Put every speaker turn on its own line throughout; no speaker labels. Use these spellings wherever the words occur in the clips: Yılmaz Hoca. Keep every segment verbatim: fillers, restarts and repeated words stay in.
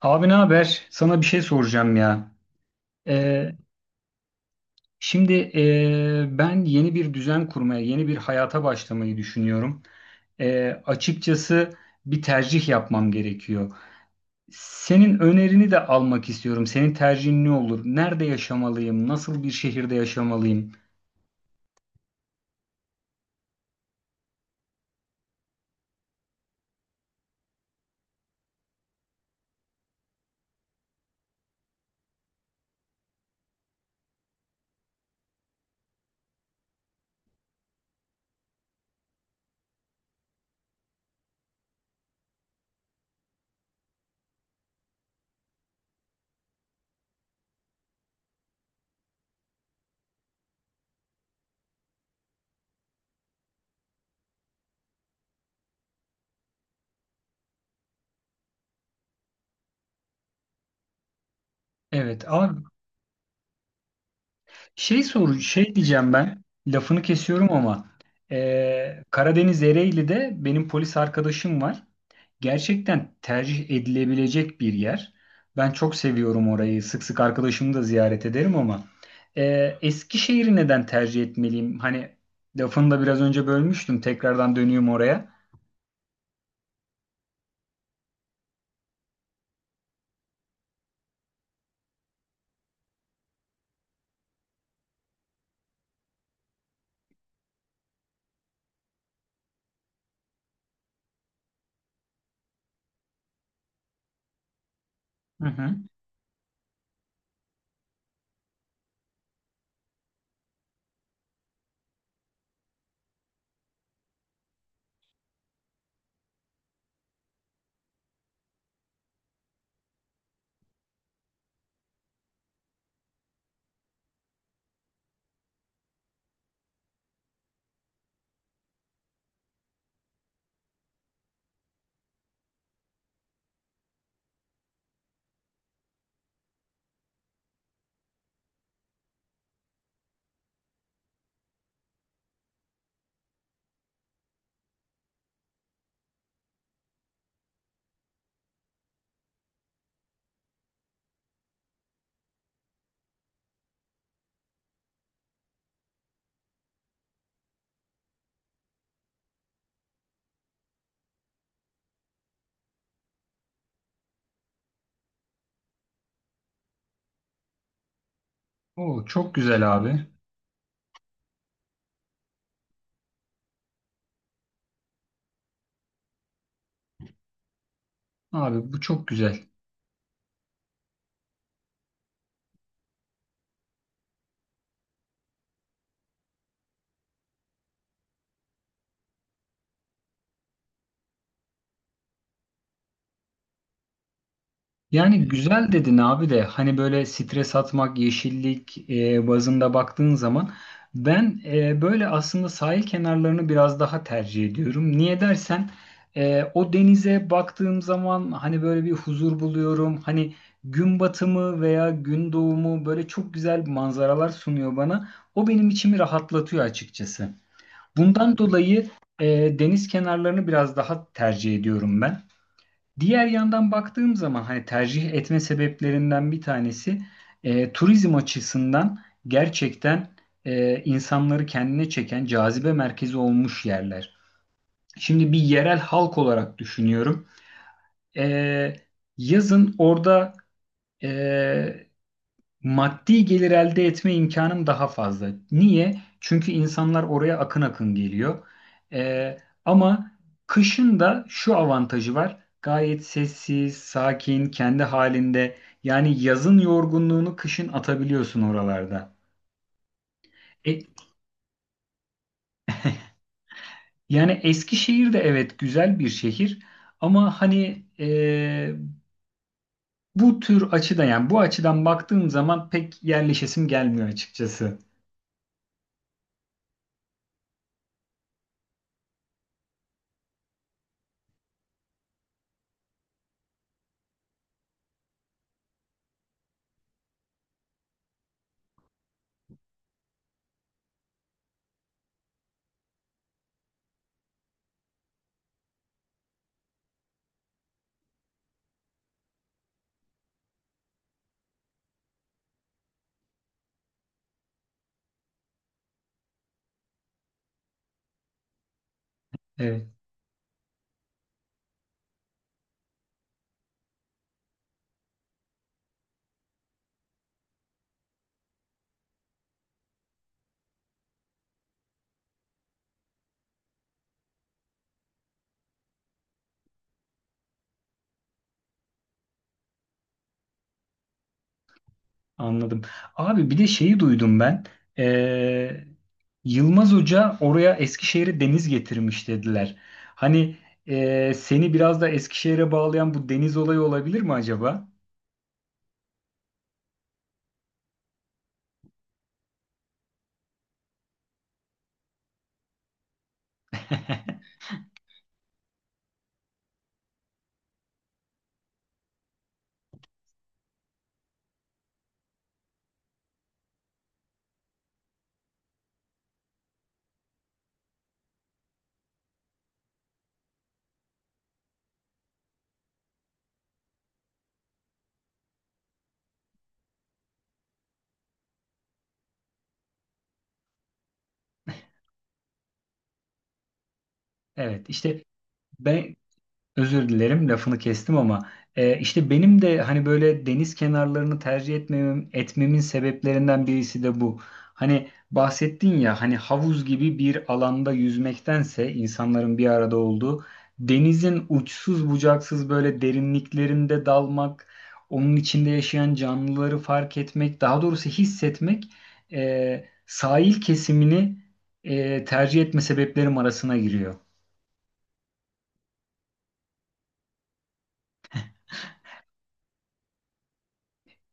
Abi ne haber? Sana bir şey soracağım ya. Ee, Şimdi ee, ben yeni bir düzen kurmaya, yeni bir hayata başlamayı düşünüyorum. Ee, açıkçası bir tercih yapmam gerekiyor. Senin önerini de almak istiyorum. Senin tercihin ne olur? Nerede yaşamalıyım? Nasıl bir şehirde yaşamalıyım? Evet, abi. Şey soru, şey diyeceğim ben. Lafını kesiyorum ama eee, Karadeniz Ereğli'de benim polis arkadaşım var. Gerçekten tercih edilebilecek bir yer. Ben çok seviyorum orayı. Sık sık arkadaşımı da ziyaret ederim ama eee Eskişehir'i neden tercih etmeliyim? Hani lafını da biraz önce bölmüştüm. Tekrardan dönüyorum oraya. Hı hı. Oo, çok güzel abi. Abi bu çok güzel. Yani güzel dedin abi de hani böyle stres atmak, yeşillik e, bazında baktığın zaman ben, e, böyle aslında sahil kenarlarını biraz daha tercih ediyorum. Niye dersen e, o denize baktığım zaman hani böyle bir huzur buluyorum. Hani gün batımı veya gün doğumu böyle çok güzel manzaralar sunuyor bana. O benim içimi rahatlatıyor açıkçası. Bundan dolayı e, deniz kenarlarını biraz daha tercih ediyorum ben. Diğer yandan baktığım zaman hani tercih etme sebeplerinden bir tanesi e, turizm açısından gerçekten e, insanları kendine çeken cazibe merkezi olmuş yerler. Şimdi bir yerel halk olarak düşünüyorum. E, Yazın orada e, maddi gelir elde etme imkanım daha fazla. Niye? Çünkü insanlar oraya akın akın geliyor. Ee, Ama kışın da şu avantajı var. Gayet sessiz, sakin, kendi halinde. Yani yazın yorgunluğunu kışın atabiliyorsun oralarda. E, Yani Eskişehir de evet güzel bir şehir. Ama hani, e, bu tür açıdan yani bu açıdan baktığım zaman pek yerleşesim gelmiyor açıkçası. Evet. Anladım. Abi bir de şeyi duydum ben. Ee, Yılmaz Hoca oraya Eskişehir'e deniz getirmiş dediler. Hani ee, seni biraz da Eskişehir'e bağlayan bu deniz olayı olabilir mi acaba? Evet, işte ben Özür dilerim, lafını kestim ama e, işte benim de hani böyle deniz kenarlarını tercih etmemem, etmemin sebeplerinden birisi de bu. Hani bahsettin ya, hani havuz gibi bir alanda yüzmektense insanların bir arada olduğu denizin uçsuz bucaksız böyle derinliklerinde dalmak, onun içinde yaşayan canlıları fark etmek, daha doğrusu hissetmek e, sahil kesimini e, tercih etme sebeplerim arasına giriyor.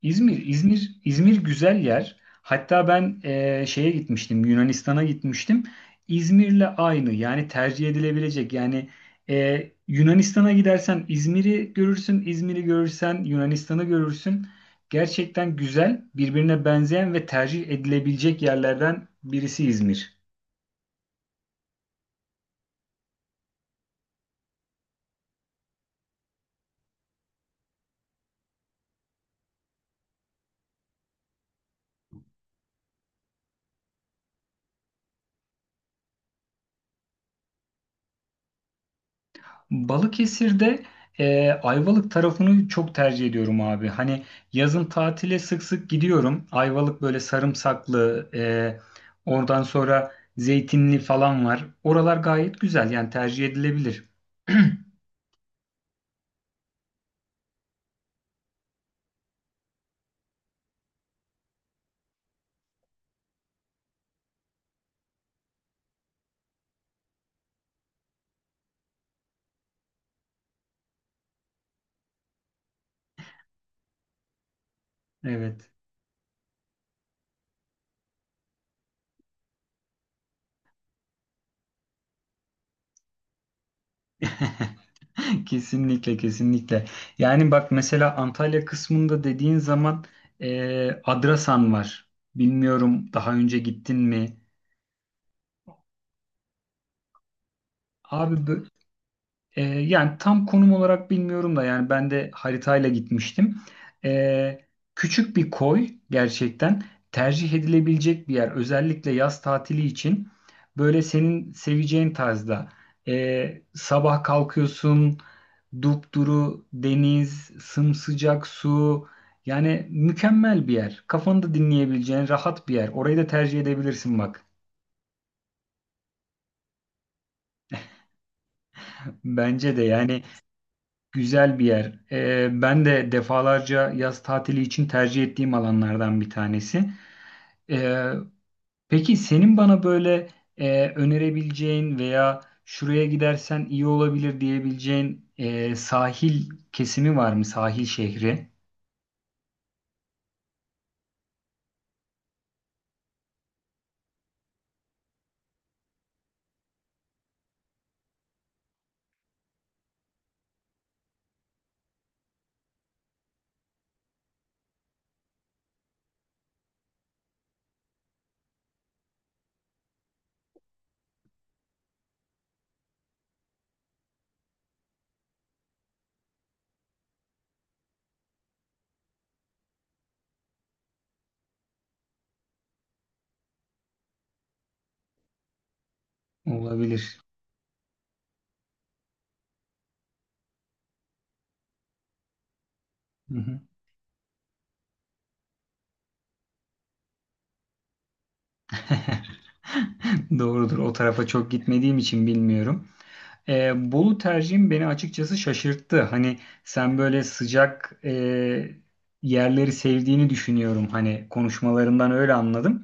İzmir, İzmir, İzmir güzel yer. Hatta ben eee, şeye gitmiştim, Yunanistan'a gitmiştim. İzmir'le aynı, yani tercih edilebilecek. Yani eee, Yunanistan'a gidersen İzmir'i görürsün, İzmir'i görürsen Yunanistan'ı görürsün. Gerçekten güzel, birbirine benzeyen ve tercih edilebilecek yerlerden birisi İzmir. Balıkesir'de, e, Ayvalık tarafını çok tercih ediyorum abi. Hani yazın tatile sık sık gidiyorum. Ayvalık böyle sarımsaklı, e, oradan sonra zeytinli falan var. Oralar gayet güzel, yani tercih edilebilir. Evet. Kesinlikle, kesinlikle. Yani bak, mesela Antalya kısmında dediğin zaman, e, Adrasan var. Bilmiyorum, daha önce gittin mi? Abi bö- Ee, yani tam konum olarak bilmiyorum da, yani ben de haritayla gitmiştim. Ee, Küçük bir koy, gerçekten tercih edilebilecek bir yer. Özellikle yaz tatili için böyle senin seveceğin tarzda. Ee, sabah kalkıyorsun, dupduru deniz, sımsıcak su. Yani mükemmel bir yer. Kafanı da dinleyebileceğin rahat bir yer. Orayı da tercih edebilirsin bak. Bence de yani güzel bir yer. Ee, ben de defalarca yaz tatili için tercih ettiğim alanlardan bir tanesi. Ee, peki senin bana böyle e, önerebileceğin veya şuraya gidersen iyi olabilir diyebileceğin e, sahil kesimi var mı? Sahil şehri olabilir. Hı hı. Doğrudur. O tarafa çok gitmediğim için bilmiyorum. E, Bolu tercihim beni açıkçası şaşırttı. Hani sen böyle sıcak, e, yerleri sevdiğini düşünüyorum. Hani konuşmalarından öyle anladım.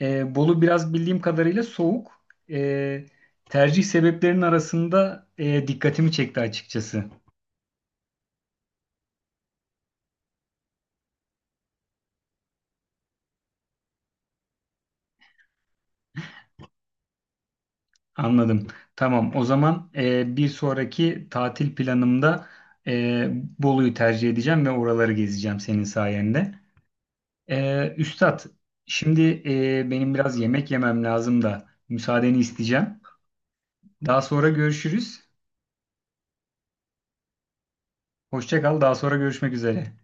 E, Bolu biraz bildiğim kadarıyla soğuk. E, Tercih sebeplerinin arasında, e, dikkatimi çekti açıkçası. Anladım. Tamam. O zaman e, bir sonraki tatil planımda e, Bolu'yu tercih edeceğim ve oraları gezeceğim senin sayende. Ee, Üstad, şimdi e, benim biraz yemek yemem lazım da müsaadeni isteyeceğim. Daha sonra görüşürüz. Hoşça kal, daha sonra görüşmek üzere.